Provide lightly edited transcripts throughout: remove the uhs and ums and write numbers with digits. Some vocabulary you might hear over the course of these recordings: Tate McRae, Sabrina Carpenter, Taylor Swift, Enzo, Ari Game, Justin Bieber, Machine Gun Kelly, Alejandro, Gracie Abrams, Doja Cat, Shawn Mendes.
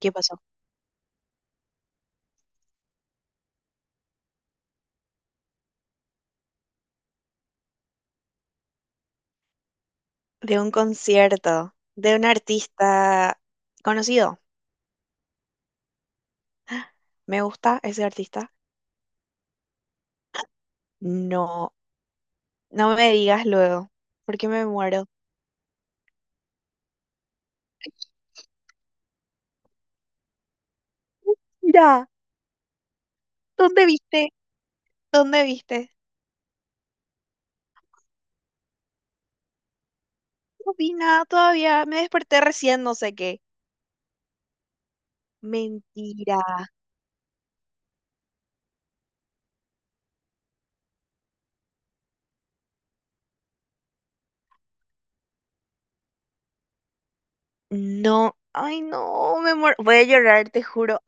¿Qué pasó? De un concierto de un artista conocido. Me gusta ese artista. No, no me digas luego, porque me muero. Mira, ¿dónde viste? ¿Dónde viste? No vi nada todavía. Me desperté recién, no sé qué. Mentira. No, ay no, me muero. Voy a llorar, te juro.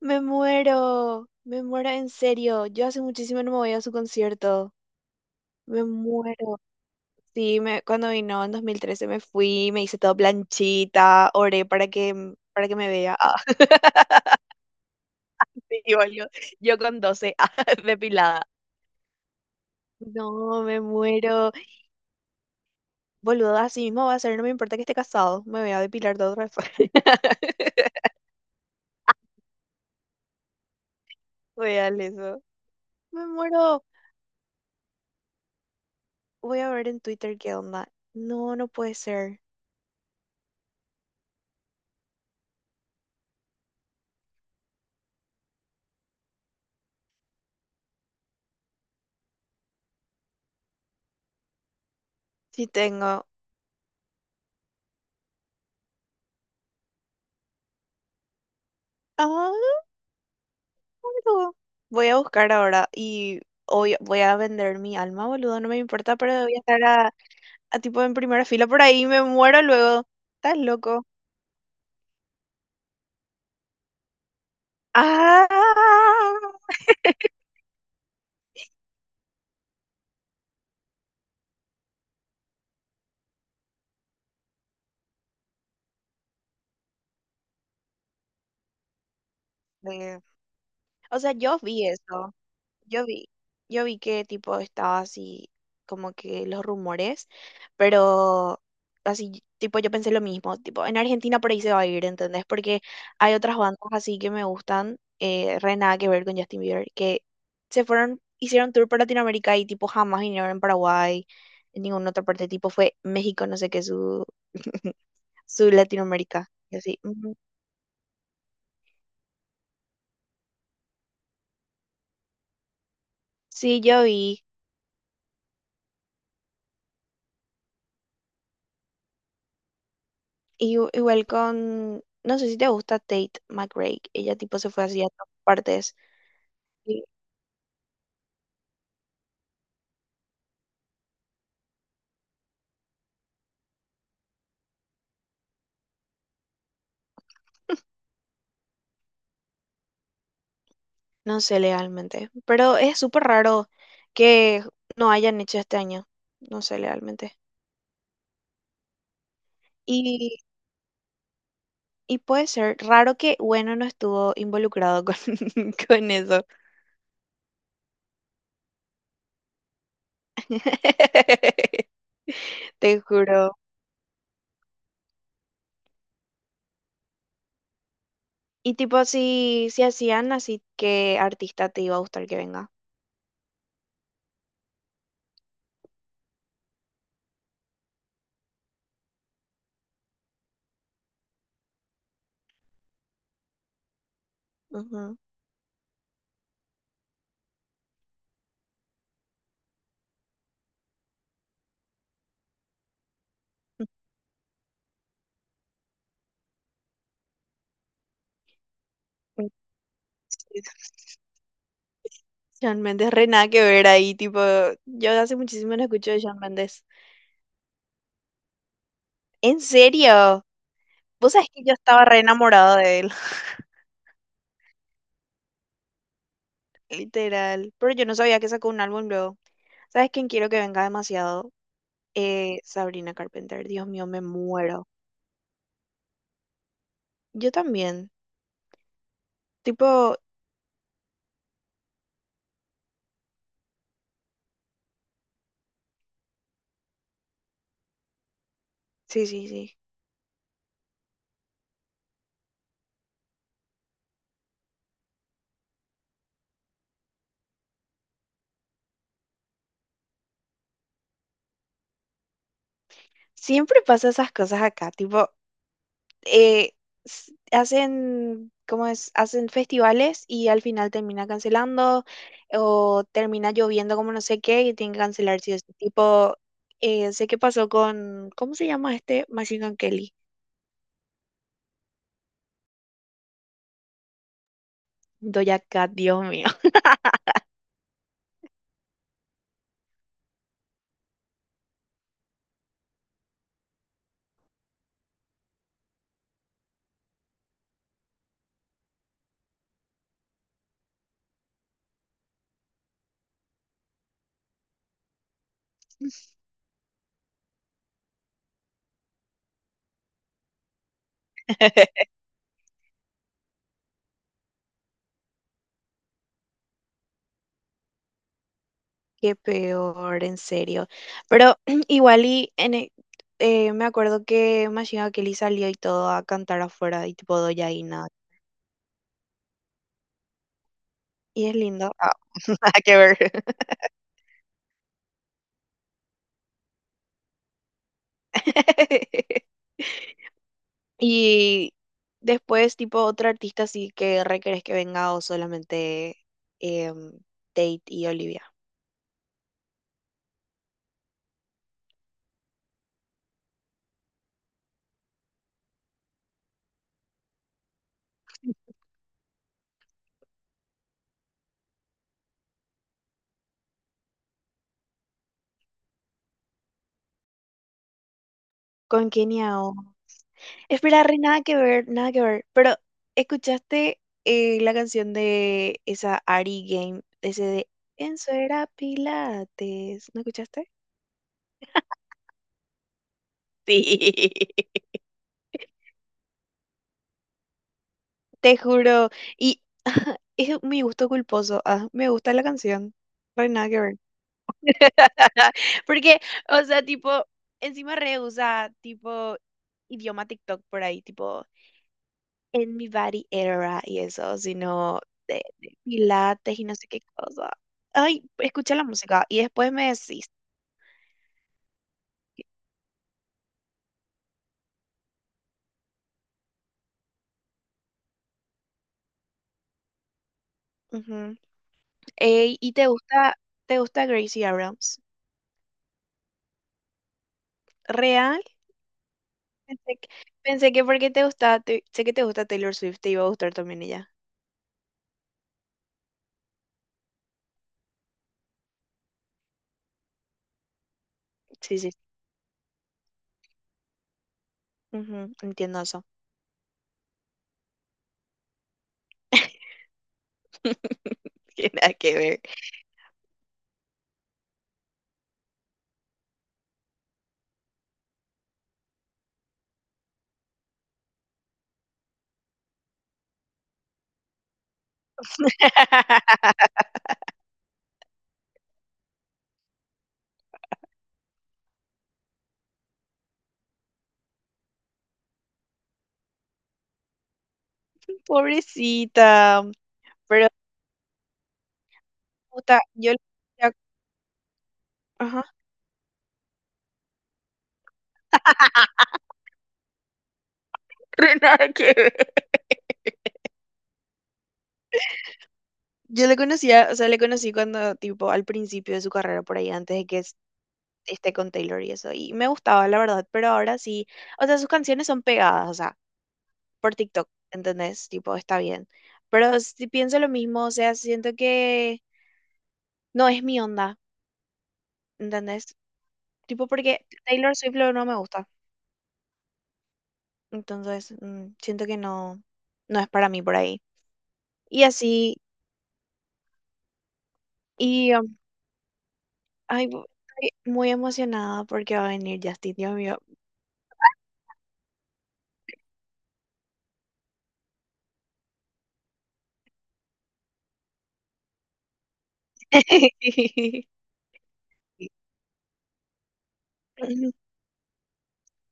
Me muero. Me muero en serio. Yo hace muchísimo no me voy a su concierto. Me muero. Sí, me, cuando vino en 2013 me fui, me hice todo planchita, oré para que me vea. Ah, sí, boludo. Yo con 12, ah, depilada. No, me muero. Boludo, así mismo va a ser, no me importa que esté casado. Me voy a depilar todo otra vez. Real eso. Me muero. Voy a ver en Twitter qué onda. No, no puede ser. Sí tengo. Ah, boludo. Voy a buscar ahora y hoy voy a vender mi alma, boludo. No me importa, pero voy a estar a tipo en primera fila por ahí, me muero luego. Estás loco. Ah, ve. O sea, yo vi eso. Yo vi, yo vi que tipo estaba así, como que los rumores, pero así, tipo yo pensé lo mismo, tipo en Argentina por ahí se va a ir, ¿entendés? Porque hay otras bandas así que me gustan, re nada que ver con Justin Bieber, que se fueron, hicieron tour por Latinoamérica y tipo jamás vinieron en Paraguay, en ninguna otra parte, tipo fue México, no sé qué, su Latinoamérica. Y así, "Ujú". Sí, yo vi. Y, igual con, no sé si te gusta Tate McRae. Ella tipo se fue así a todas partes. Y no sé legalmente. Pero es súper raro que no hayan hecho este año. No sé legalmente. Y, y puede ser raro que bueno no estuvo involucrado con, con eso. Te juro. Y tipo, si, si hacían así, ¿qué artista te iba a gustar que venga? Ujú. Sí, Shawn Mendes, re nada que ver ahí, tipo, yo hace muchísimo no escucho de Shawn Mendes. ¿En serio? Vos sabés que yo estaba re enamorada de él, literal, pero yo no sabía que sacó un álbum luego. ¿Sabes quién quiero que venga demasiado? Sabrina Carpenter, Dios mío, me muero. Yo también, tipo, sí, sí, sí. Siempre pasa esas cosas acá, tipo, eh, hacen, ¿cómo es? Hacen festivales y al final termina cancelando o termina lloviendo como no sé qué y tienen que cancelar sí o sí. Tipo, sé qué pasó con, ¿cómo se llama este? Machine Gun Kelly. Doja Cat, Dios mío. Qué peor, en serio. Pero igual y me acuerdo que Machine Gun Kelly salió y todo a cantar afuera y tipo Doja y nada. Y es lindo. Ah, nada que ver. Y después, tipo, otro artista sí que requerés que venga o solamente em, Tate y Olivia. Con Kenia o... Espera, re, nada que ver, nada que ver. Pero, ¿escuchaste la canción de esa Ari Game? Ese de Enzo era Pilates. ¿No escuchaste? Sí. Te juro. Y es mi gusto culposo. Ah, me gusta la canción. Re, nada que ver. Porque, o sea, tipo, encima re usa tipo, idioma TikTok por ahí, tipo, en mi body era y eso, sino de pilates y no sé qué cosa. Ay, escucha la música y después me decís. Ujú. Ey, ¿y te gusta Gracie Abrams? ¿Real? Pensé que, pensé que porque te gusta sé que te gusta Taylor Swift, te iba a gustar también ella. Sí, sí. Ujú, entiendo eso. Tiene nada que ver. Pobrecita. Pero puta yo conocía- ajá. Nada que ver. Yo le conocía, o sea, le conocí cuando, tipo, al principio de su carrera por ahí, antes de esté con Taylor y eso. Y me gustaba, la verdad, pero ahora sí. O sea, sus canciones son pegadas, o sea. Por TikTok, ¿entendés? Tipo, está bien. Pero si pienso lo mismo, o sea, siento que no es mi onda, ¿entendés? Tipo, porque Taylor Swift luego no me gusta. Entonces, mm, siento que no, no es para mí por ahí. Y así, y ay, estoy muy emocionada porque va a venir Justin, Dios mío.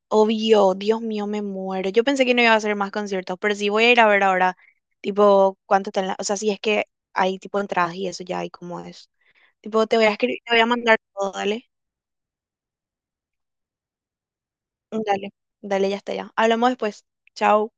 Obvio, Dios mío, me muero. Yo pensé que no iba a hacer más conciertos, pero sí voy a ir a ver ahora, tipo, cuánto están las, o sea, si es que hay tipo entradas y eso ya hay como es. Tipo, te voy a escribir, te voy a mandar todo, dale. Dale, dale, ya está ya. Hablamos después. Chao.